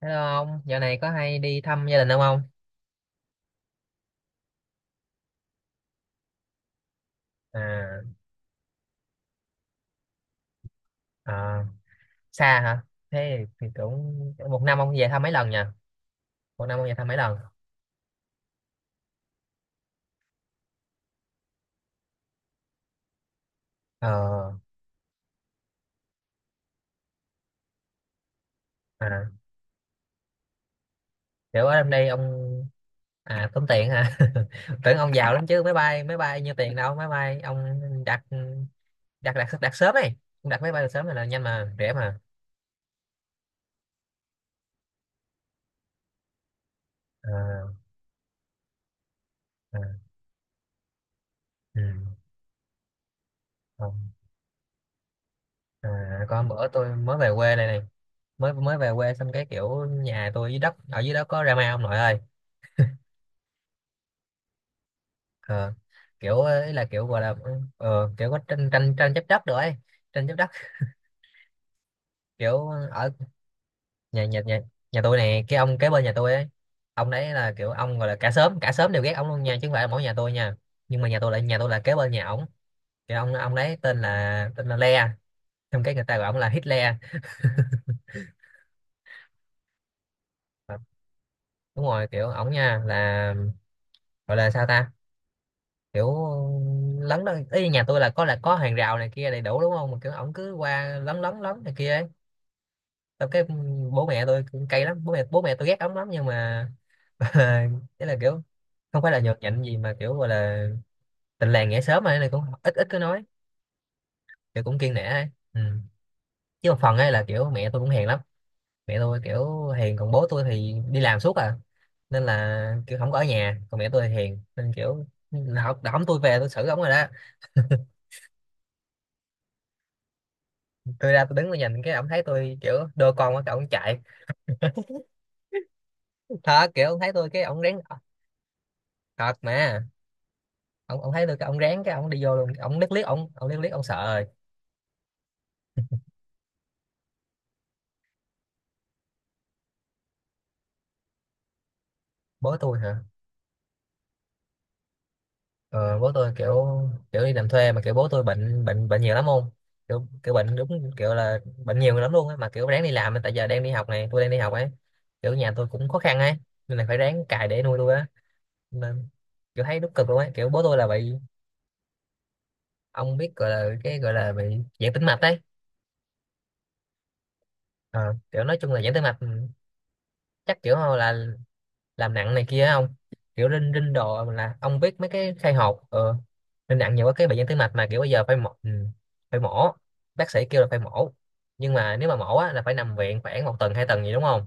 Hello ông, dạo này có hay đi thăm gia đình ông không? À, à, xa hả? Thế thì cũng một năm ông về thăm mấy lần nha? Một năm ông về thăm mấy lần? Ờ, à, kiểu ở trong đây ông. À, tốn tiền hả? Tưởng ông giàu lắm chứ, máy bay nhiêu tiền đâu, máy bay ông đặt, đặt sớm ấy, đặt máy bay sớm là nhanh mà, rẻ mà. À, à, ừ, không. À, con bữa tôi mới về quê này này, mới mới về quê xong cái kiểu nhà tôi dưới đất ở dưới đó có drama ông nội ơi. Ờ, kiểu ờ, là kiểu gọi là kiểu có tranh tranh tranh chấp đất được ấy, tranh chấp đất kiểu ở nhà, nhà tôi này, cái ông kế bên nhà tôi ấy, ông đấy là kiểu ông gọi là cả xóm đều ghét ông luôn nha, chứ không phải là mỗi nhà tôi nha. Nhưng mà nhà tôi là kế bên nhà ổng. Cái ông đấy tên là Le trong cái người ta gọi ông là Hitler. Ờ, đúng rồi kiểu ổng nha là gọi là sao ta, kiểu lấn đó ý, nhà tôi là có hàng rào này kia đầy đủ đúng không, mà kiểu ổng cứ qua lấn lấn lấn này kia ấy. Tao cái bố mẹ tôi cũng cay lắm, bố mẹ tôi ghét ống lắm nhưng mà thế là kiểu không phải là nhột nhạnh gì mà kiểu gọi là tình làng nghĩa xóm mà này, cũng ít ít cứ nói, kiểu cũng kiêng nể ấy. Ừ. Chứ một phần ấy là kiểu mẹ tôi cũng hiền lắm, mẹ tôi kiểu hiền còn bố tôi thì đi làm suốt à, nên là kiểu không có ở nhà, còn mẹ tôi thì hiền nên kiểu học ổng, tôi về tôi xử ổng rồi đó. Tôi ra tôi đứng tôi nhìn, cái ổng thấy tôi kiểu đôi con quá, cái ổng chạy thật, kiểu ổng thấy tôi cái ổng rén thật mà. Ông thấy được cái ông ráng, cái ông đi vô luôn, ông liếc liếc, ông liếc liếc, ông sợ rồi. Bố tôi hả? Ờ, Bố tôi kiểu kiểu đi làm thuê, mà kiểu bố tôi bệnh bệnh bệnh nhiều lắm, không kiểu kiểu bệnh đúng kiểu là bệnh nhiều lắm luôn á, mà kiểu ráng đi làm tại giờ đang đi học này, tôi đang đi học ấy, kiểu nhà tôi cũng khó khăn ấy, nên là phải ráng cày để nuôi tôi á, nên kiểu thấy đúng cực luôn ấy, kiểu bố tôi là bị, ông biết gọi là cái gọi là bị giãn tĩnh mạch ấy. Ờ, kiểu nói chung là giãn tĩnh mạch. Ừ, chắc kiểu là làm nặng này kia không, kiểu rinh rinh đồ, là ông biết mấy cái khai hộp rinh nặng nhiều quá, cái bệnh nhân tim mạch mà, kiểu bây giờ phải mổ. Ừ, phải mổ, bác sĩ kêu là phải mổ, nhưng mà nếu mà mổ á, là phải nằm viện khoảng một tuần hai tuần gì đúng không,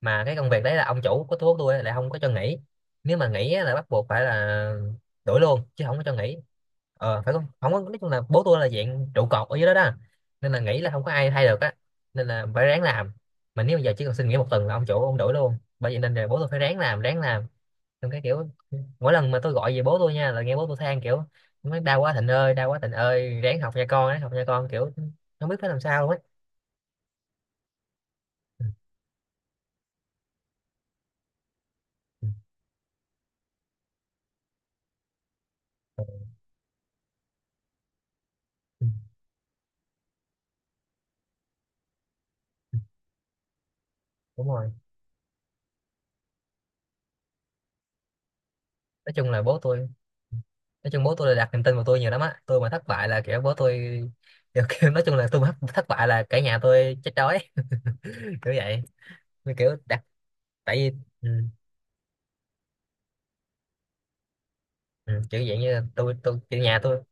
mà cái công việc đấy là ông chủ của thuốc tôi á, lại không có cho nghỉ, nếu mà nghỉ á là bắt buộc phải là đuổi luôn, chứ không có cho nghỉ. Ờ, phải không, không có, nói chung là bố tôi là dạng trụ cột ở dưới đó đó, nên là nghỉ là không có ai thay được á, nên là phải ráng làm, mà nếu bây giờ chỉ cần xin nghỉ một tuần là ông chủ ông đuổi luôn, bởi vậy nên là bố tôi phải ráng làm ráng làm. Xong cái kiểu mỗi lần mà tôi gọi về bố tôi nha, là nghe bố tôi than kiểu nói đau quá Thịnh ơi, đau quá Thịnh ơi, ráng học nha con, ráng học nha con, kiểu không biết phải làm sao luôn á. Ừ, ừ, ừ, ừ, đúng rồi. nói chung là bố tôi nói chung bố tôi là đặt niềm tin vào tôi nhiều lắm á, tôi mà thất bại là kiểu bố tôi kiểu, nói chung là tôi mà thất thất bại là cả nhà tôi chết đói. Kiểu vậy. Như kiểu đặt, tại vì, ừ, ừ, kiểu vậy như là tôi kiểu nhà tôi,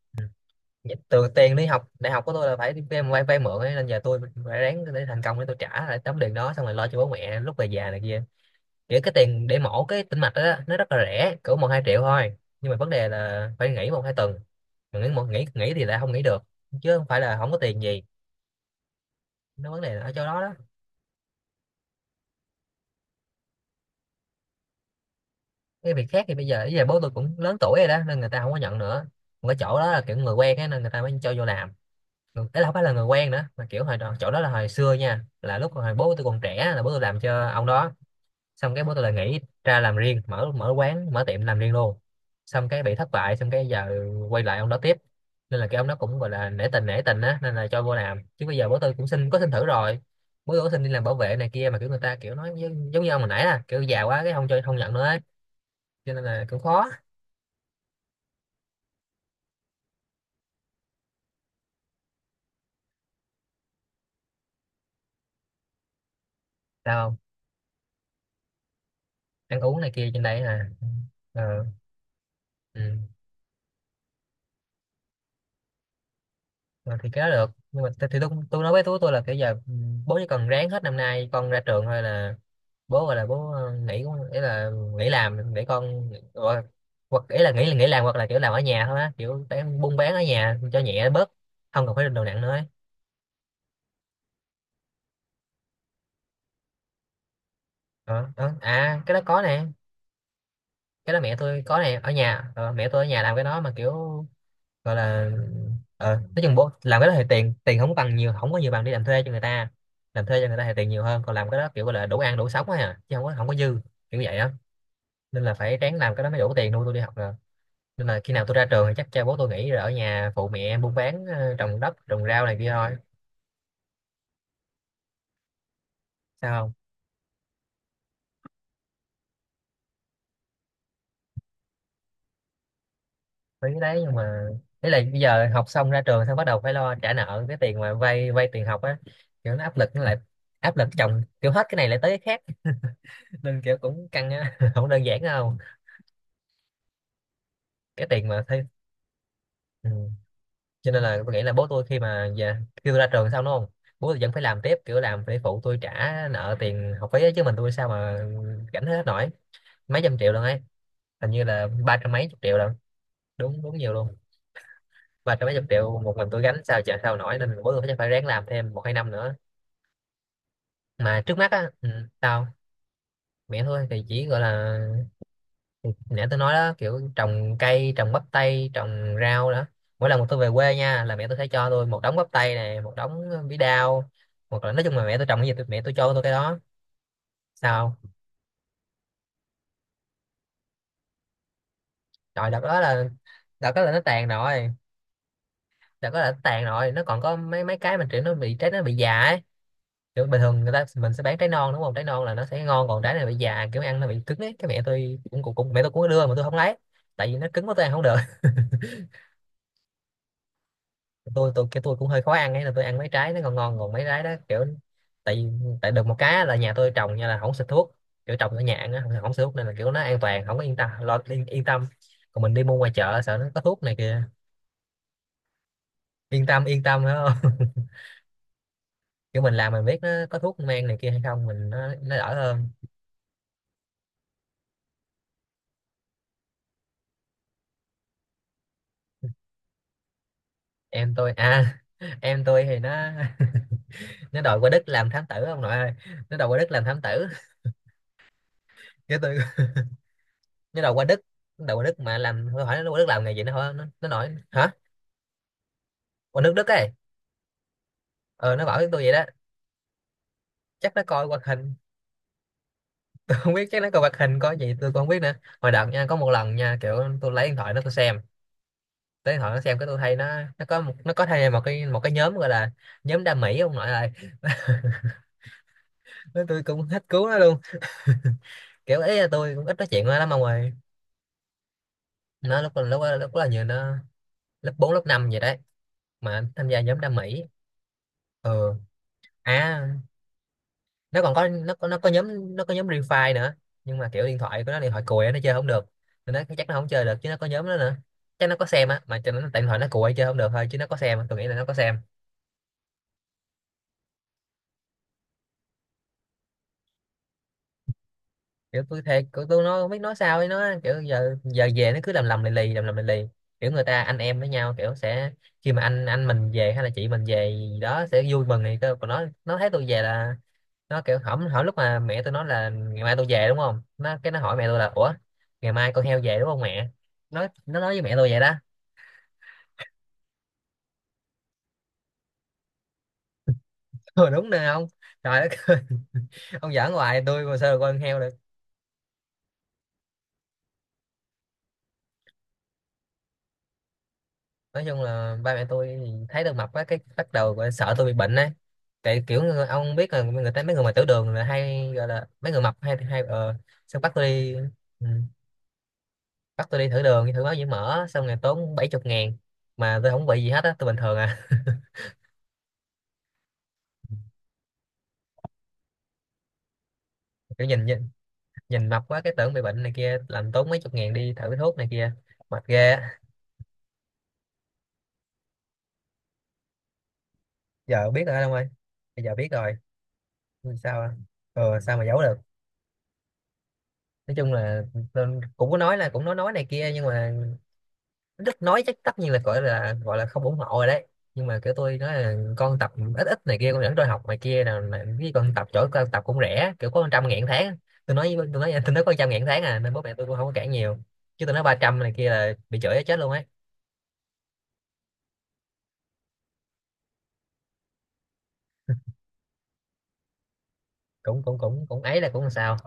từ tiền đi học đại học của tôi là phải đi vay vay, vay mượn ấy, nên giờ tôi phải ráng để thành công để tôi trả lại tấm tiền đó, xong rồi lo cho bố mẹ lúc về già này kia. Kiểu cái tiền để mổ cái tĩnh mạch đó, đó nó rất là rẻ, cỡ một hai triệu thôi, nhưng mà vấn đề là phải nghỉ một hai tuần, mà nghỉ một nghỉ nghỉ thì lại không nghỉ được, chứ không phải là không có tiền gì, nó vấn đề là ở chỗ đó đó. Cái việc khác thì bây giờ bố tôi cũng lớn tuổi rồi đó, nên người ta không có nhận nữa, còn cái chỗ đó là kiểu người quen ấy, nên người ta mới cho vô làm. Ấy là không phải là người quen nữa, mà kiểu hồi đó, chỗ đó là hồi xưa nha, là lúc hồi bố tôi còn trẻ là bố tôi làm cho ông đó, xong cái bố tôi lại nghỉ ra làm riêng, mở mở quán mở tiệm làm riêng luôn, xong cái bị thất bại, xong cái giờ quay lại ông đó tiếp, nên là cái ông đó cũng gọi là nể tình á, nên là cho vô làm, chứ bây giờ bố tôi cũng xin có xin thử rồi. Bố tôi có xin đi làm bảo vệ này kia, mà kiểu người ta kiểu nói giống như ông hồi nãy là kiểu già quá cái không cho, không nhận nữa ấy, cho nên là cũng khó. Sao không ăn uống này kia trên đây à? Ờ, ừ. Ờ, thì cái đó được, nhưng mà thì tôi nói với tú tôi là kiểu giờ, ừ, bố chỉ cần ráng hết năm nay con ra trường thôi là bố gọi là bố, ờ, nghỉ cũng, ý là nghỉ làm để con, hoặc, hoặc ý là nghỉ làm, hoặc là kiểu làm ở nhà thôi á, kiểu bán buôn bán ở nhà cho nhẹ bớt, không cần phải đồ nặng nữa ấy. Ờ, ờ. À, cái đó có nè, cái đó mẹ tôi có nè, ở nhà mẹ tôi ở nhà làm cái đó, mà kiểu gọi là nói chung bố làm cái đó thì tiền tiền không bằng nhiều, không có nhiều bằng đi làm thuê cho người ta, làm thuê cho người ta thì tiền nhiều hơn, còn làm cái đó kiểu gọi là đủ ăn đủ sống á, à, chứ không có dư, kiểu vậy á, nên là phải ráng làm cái đó mới đủ tiền nuôi tôi đi học rồi, nên là khi nào tôi ra trường thì chắc bố tôi nghỉ rồi, ở nhà phụ mẹ em buôn bán, trồng đất trồng rau này kia thôi. Sao không mấy cái đấy, nhưng mà đấy là bây giờ học xong ra trường xong bắt đầu phải lo trả nợ cái tiền mà vay vay tiền học á, kiểu nó áp lực, nó lại áp lực chồng, kiểu hết cái này lại tới cái khác. Nên kiểu cũng căng á. Không đơn giản đâu cái tiền mà thấy. Ừ. Cho nên là tôi nghĩ là bố tôi khi mà già, khi tôi ra trường xong đúng không, bố tôi vẫn phải làm tiếp, kiểu làm để phụ tôi trả nợ tiền học phí ấy, chứ mình tôi sao mà gánh hết nổi. Mấy trăm triệu luôn ấy, hình như là ba trăm mấy chục triệu luôn, đúng đúng nhiều luôn. Ba trăm mấy chục triệu một mình tôi gánh sao trả sao nổi, nên bố tôi chắc phải ráng làm thêm một hai năm nữa, mà trước mắt á. Ừ. tao Mẹ thôi thì chỉ gọi là, nãy tôi nói đó, kiểu trồng cây, trồng bắp tay, trồng rau đó. Mỗi lần mà tôi về quê nha là mẹ tôi sẽ cho tôi một đống bắp tay này, một đống bí đao, hoặc là nói chung là mẹ tôi trồng cái gì mẹ tôi cho tôi cái đó. Sao? Trời, đợt đó là nó tàn rồi. Đợt đó là nó tàn rồi, nó còn có mấy mấy cái mình, kiểu nó bị trái, nó bị già ấy. Kiểu bình thường người ta mình sẽ bán trái non đúng không, trái non là nó sẽ ngon, còn trái này bị già, kiểu ăn nó bị cứng ấy. Cái mẹ tôi cũng cũng, cũng mẹ tôi cũng có đưa mà tôi không lấy, tại vì nó cứng quá tôi ăn không được. Tôi cũng hơi khó ăn ấy, là tôi ăn mấy trái nó ngon ngon, còn mấy trái đó kiểu. Tại Tại được một cái là nhà tôi trồng nha là không xịt thuốc, kiểu trồng ở nhà ăn á, không xịt thuốc, nên là kiểu nó an toàn, không có yên tâm lo, yên tâm. Còn mình đi mua ngoài chợ sợ nó có thuốc này kia. Yên tâm yên tâm phải không? Kiểu mình làm mình biết nó có thuốc men này kia hay không, mình nó đỡ hơn. Em tôi à, em tôi thì nó nó đòi qua Đức làm thám tử ông nội ơi. Nó đòi qua Đức làm thám tử. Cái tôi nó đòi qua Đức. Nó đòi qua Đức mà làm tôi hỏi nó qua Đức làm nghề gì, nó nói hả, qua nước Đức ấy. Ờ, nó bảo với tôi vậy đó. Chắc nó coi hoạt hình. Tôi không biết, chắc nó coi hoạt hình coi gì tôi cũng không biết nữa. Hồi đợt nha, có một lần nha, kiểu tôi lấy điện thoại nó tôi xem, lấy điện thoại nó xem, cái tôi thấy nó có một nó có thay một cái nhóm gọi là, nhóm đam mỹ ông nội ơi. Nói tôi cũng hết cứu nó luôn. Kiểu ấy là tôi cũng ít nói chuyện với nó lắm ông ơi. Nó lúc là như nó lớp 4 lớp 5 vậy đấy, mà tham gia nhóm đam mỹ. Ừ. À, nó còn có nó có nó có nhóm Free Fire nữa, nhưng mà kiểu điện thoại của nó, điện thoại cùi á, nó chơi không được. Nên nó chắc nó không chơi được, chứ nó có nhóm đó nữa. Chắc nó có xem á, mà cho nó, tại điện thoại nó cùi chơi không được thôi, chứ nó có xem á. Tôi nghĩ là nó có xem. Kiểu tôi thề, kiểu tôi nó không biết nói sao ấy, nó kiểu giờ giờ về nó cứ lầm lầm lì lì, lầm lầm lì lì. Kiểu người ta anh em với nhau kiểu sẽ, khi mà anh mình về hay là chị mình về gì đó sẽ vui mừng thì cơ, còn nó thấy tôi về là nó kiểu hổng hỏi. Lúc mà mẹ tôi nói là ngày mai tôi về đúng không, nó cái nó hỏi mẹ tôi là, ủa ngày mai con heo về đúng không mẹ. Nó nói với mẹ tôi vậy đó. Ừ, đúng nè ông. Trời đất ơi. Ông giỡn hoài, tôi mà sao được coi con heo được. Nói chung là ba mẹ tôi thấy tôi mập á, cái bắt đầu gọi là sợ tôi bị bệnh á. Tại kiểu ông biết là người ta, mấy người mà tiểu đường là hay gọi là mấy người mập, hay hay ờ xong bắt tôi đi. Ừ, bắt tôi đi thử đường, thử máu nhiễm mỡ, xong rồi tốn 70 nghìn mà tôi không bị gì hết á, tôi bình thường à. Kiểu nhìn, nhìn mập quá cái tưởng bị bệnh này kia, làm tốn mấy chục ngàn đi thử thuốc này kia, mệt ghê á. Giờ biết rồi không ơi. Bây giờ biết rồi. Nhưng sao á? Ờ sao mà giấu được. Nói chung là tôi cũng có nói, là cũng nói này kia, nhưng mà đất nói chắc tất nhiên là gọi là, gọi là không ủng hộ rồi đấy. Nhưng mà kiểu tôi nói là con tập ít ít này kia, con dẫn tôi học này kia, nào là cái con tập chỗ con tập cũng rẻ kiểu có trăm ngàn tháng. Tôi nói với- tôi nói tôi nói có trăm ngàn tháng à, nên bố mẹ tôi cũng không có cản nhiều. Chứ tôi nói ba trăm này kia là bị chửi chết luôn ấy. Cũng cũng cũng cũng ấy là cũng làm sao.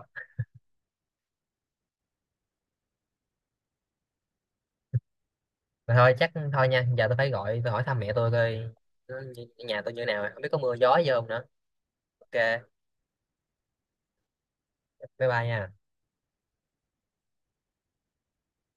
Mà thôi, chắc thôi nha, giờ tôi phải gọi tôi hỏi thăm mẹ tôi coi nó, nhà tôi như thế nào, không biết có mưa gió gì không nữa. Ok, bye bye nha.